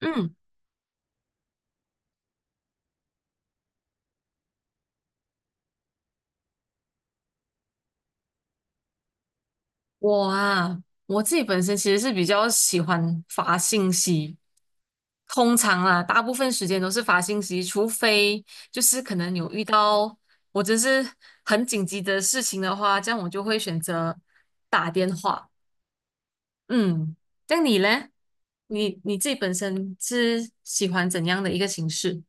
嗯，我啊，我自己本身其实是比较喜欢发信息。通常啊，大部分时间都是发信息，除非就是可能有遇到我真是很紧急的事情的话，这样我就会选择打电话。嗯，那你嘞？你自己本身是喜欢怎样的一个形式？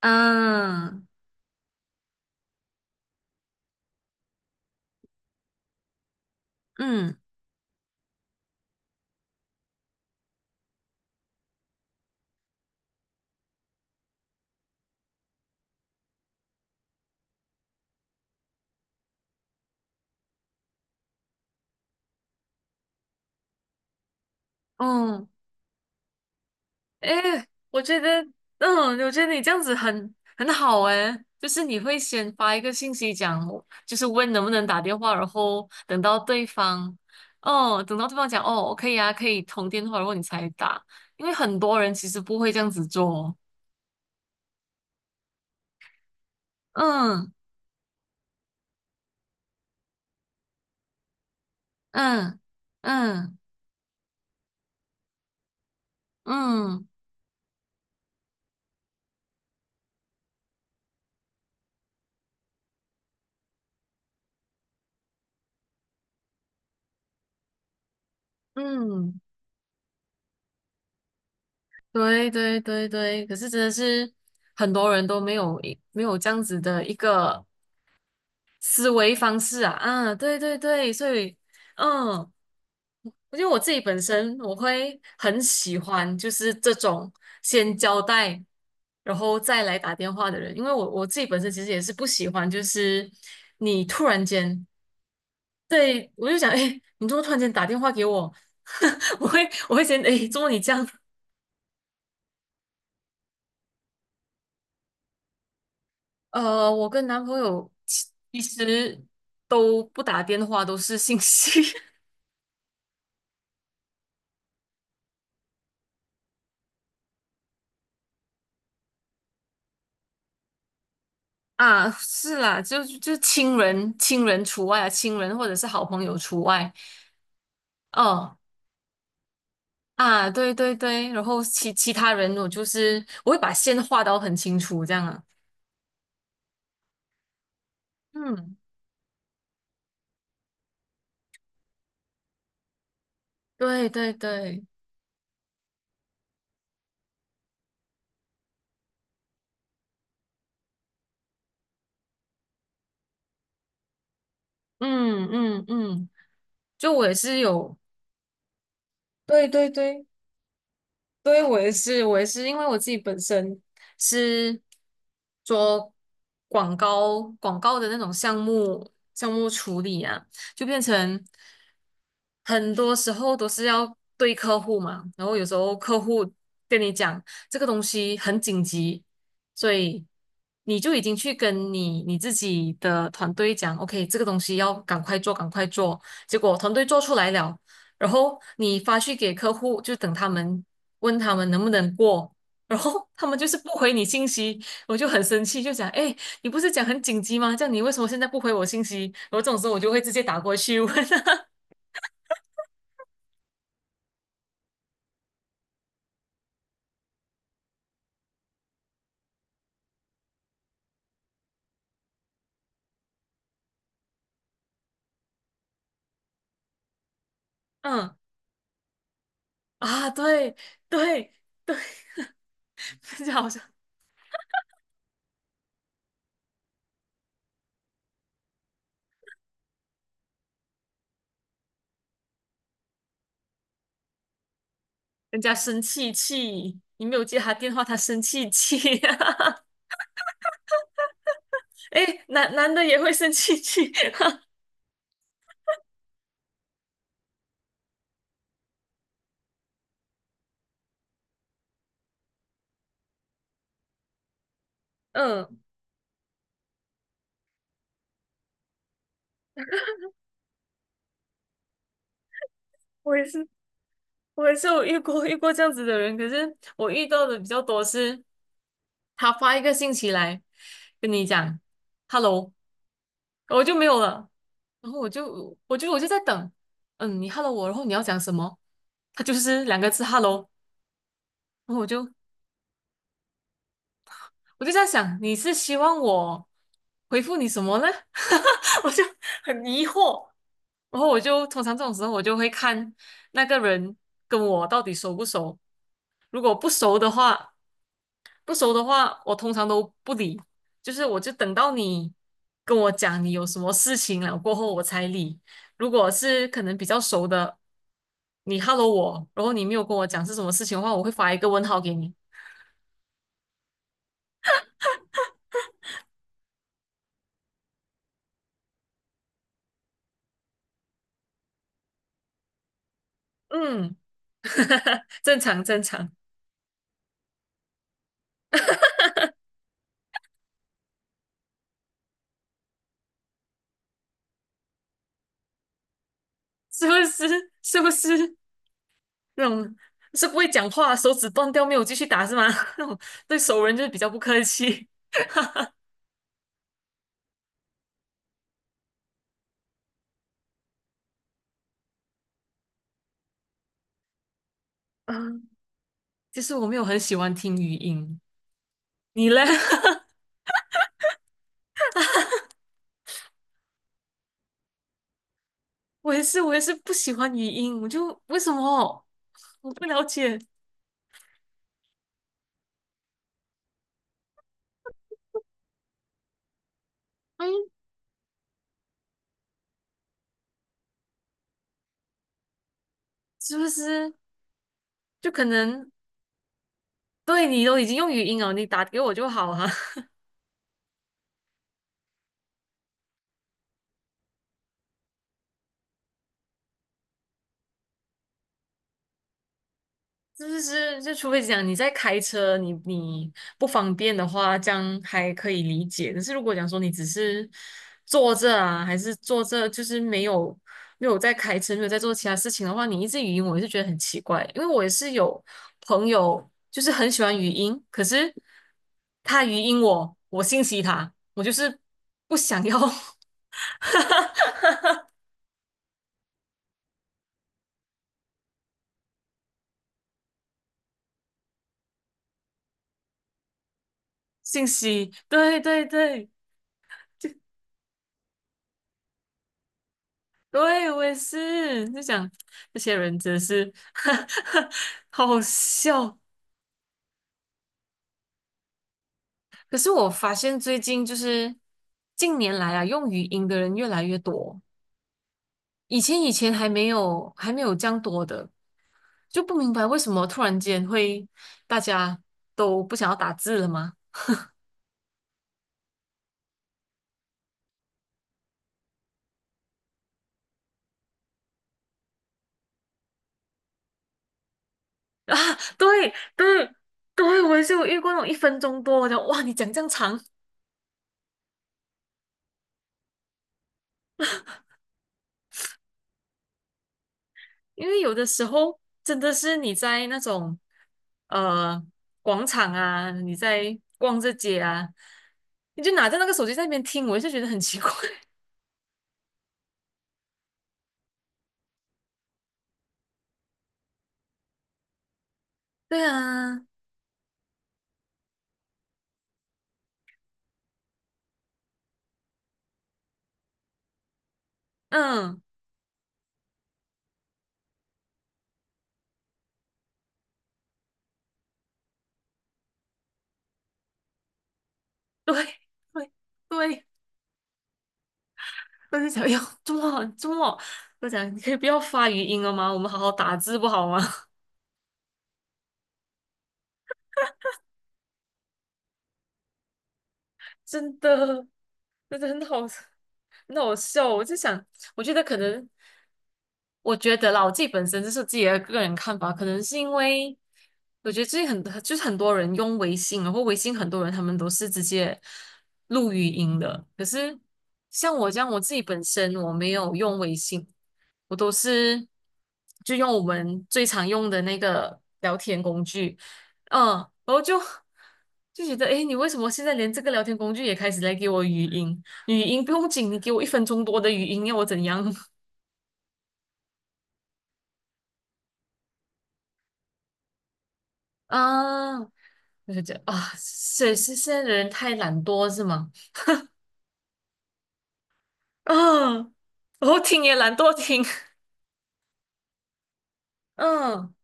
嗯嗯，哦。哎，我觉得，嗯，我觉得你这样子很好哎，就是你会先发一个信息讲，就是问能不能打电话，然后等到对方，哦，等到对方讲哦，可以啊，可以通电话，然后你才打，因为很多人其实不会这样子做。嗯嗯嗯嗯嗯，对对对对，可是真的是很多人都没有这样子的一个思维方式啊。啊，对对对，所以，嗯，我觉得我自己本身我会很喜欢，就是这种先交代，然后再来打电话的人，因为我自己本身其实也是不喜欢，就是你突然间，对，我就想，哎，你怎么突然间打电话给我？我会我会先，哎，怎么你这样？我跟男朋友其实都不打电话，都是信息。啊，是啦，就亲人除外啊，亲人或者是好朋友除外。哦啊，对对对，然后其他人我就是我会把线画到很清楚这样啊。嗯，对对对，嗯嗯嗯，就我也是有，对对对。对，我也是，我也是，因为我自己本身是做广告的那种项目处理啊，就变成很多时候都是要对客户嘛，然后有时候客户跟你讲这个东西很紧急，所以你就已经去跟你自己的团队讲，OK，这个东西要赶快做，赶快做，结果团队做出来了。然后你发去给客户，就等他们问他们能不能过，然后他们就是不回你信息，我就很生气，就讲，哎，你不是讲很紧急吗？这样你为什么现在不回我信息？然后这种时候我就会直接打过去问。嗯，啊，对对对，就好像人家生气气，你没有接他电话，他生气气。哎，男的也会生气气。嗯，我也是，我也是有遇过这样子的人，可是我遇到的比较多是，他发一个信息来跟你讲。Hello，我就没有了。然后我就在等，嗯，你 hello 我，然后你要讲什么？他就是2个字 hello。然后我就在想，你是希望我回复你什么呢？我就很疑惑。然后我就通常这种时候，我就会看那个人跟我到底熟不熟。如果不熟的话，不熟的话，我通常都不理，就是我就等到你跟我讲你有什么事情了过后我才理。如果是可能比较熟的，你 hello 我，然后你没有跟我讲是什么事情的话，我会发一个问号给你。嗯，正常正常，是不是？是不是那种是不会讲话，手指断掉没有继续打是吗？那种对熟人就是比较不客气。嗯，其实我没有很喜欢听语音，你嘞？我也是，我也是不喜欢语音，我就为什么我不了解？嗯，是不是就可能对你都已经用语音了，你打给我就好啊？就是是，就除非讲你在开车，你不方便的话，这样还可以理解。但是如果讲说你只是坐着啊，还是坐着，就是没有在开车，没有在做其他事情的话，你一直语音，我也是觉得很奇怪。因为我也是有朋友，就是很喜欢语音，可是他语音我，我信息他，我就是不想要 信息。对对对，对，我也是，就想这些人真的是 好好笑。可是我发现最近就是近年来啊，用语音的人越来越多，以前还没有这样多的，就不明白为什么突然间会大家都不想要打字了吗？啊，对对对，我也是有遇过那种一分钟多的，哇，你讲这样长，因为有的时候真的是你在那种。呃广场啊，你在逛这街啊，你就拿着那个手机在那边听，我就觉得很奇怪。对啊，嗯，对对对，我就想，哎呦，这么我讲你可以不要发语音了吗？我们好好打字不好吗？真的，真的很好，很好笑。我就想，我觉得可能。我觉得啦，我自己本身就是自己的个人看法，可能是因为我觉得最近很就是很多人用微信，然后微信很多人他们都是直接录语音的，可是像我这样，我自己本身我没有用微信，我都是就用我们最常用的那个聊天工具，嗯，然后就觉得，诶，你为什么现在连这个聊天工具也开始来给我语音？语音不用紧，你给我一分钟多的语音，要我怎样？啊我就觉得啊，是现在的人太懒惰是吗？嗯，我听也懒惰听，嗯，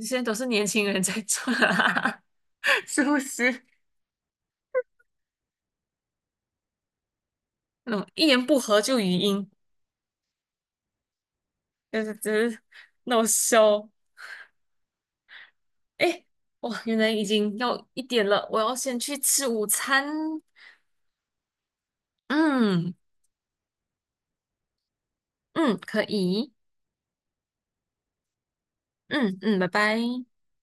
现在都是年轻人在做啊，是不是？那种一言不合就语音，就是那种笑。哎，哇，原来已经要1点了，我要先去吃午餐。嗯嗯，可以，嗯嗯，拜拜。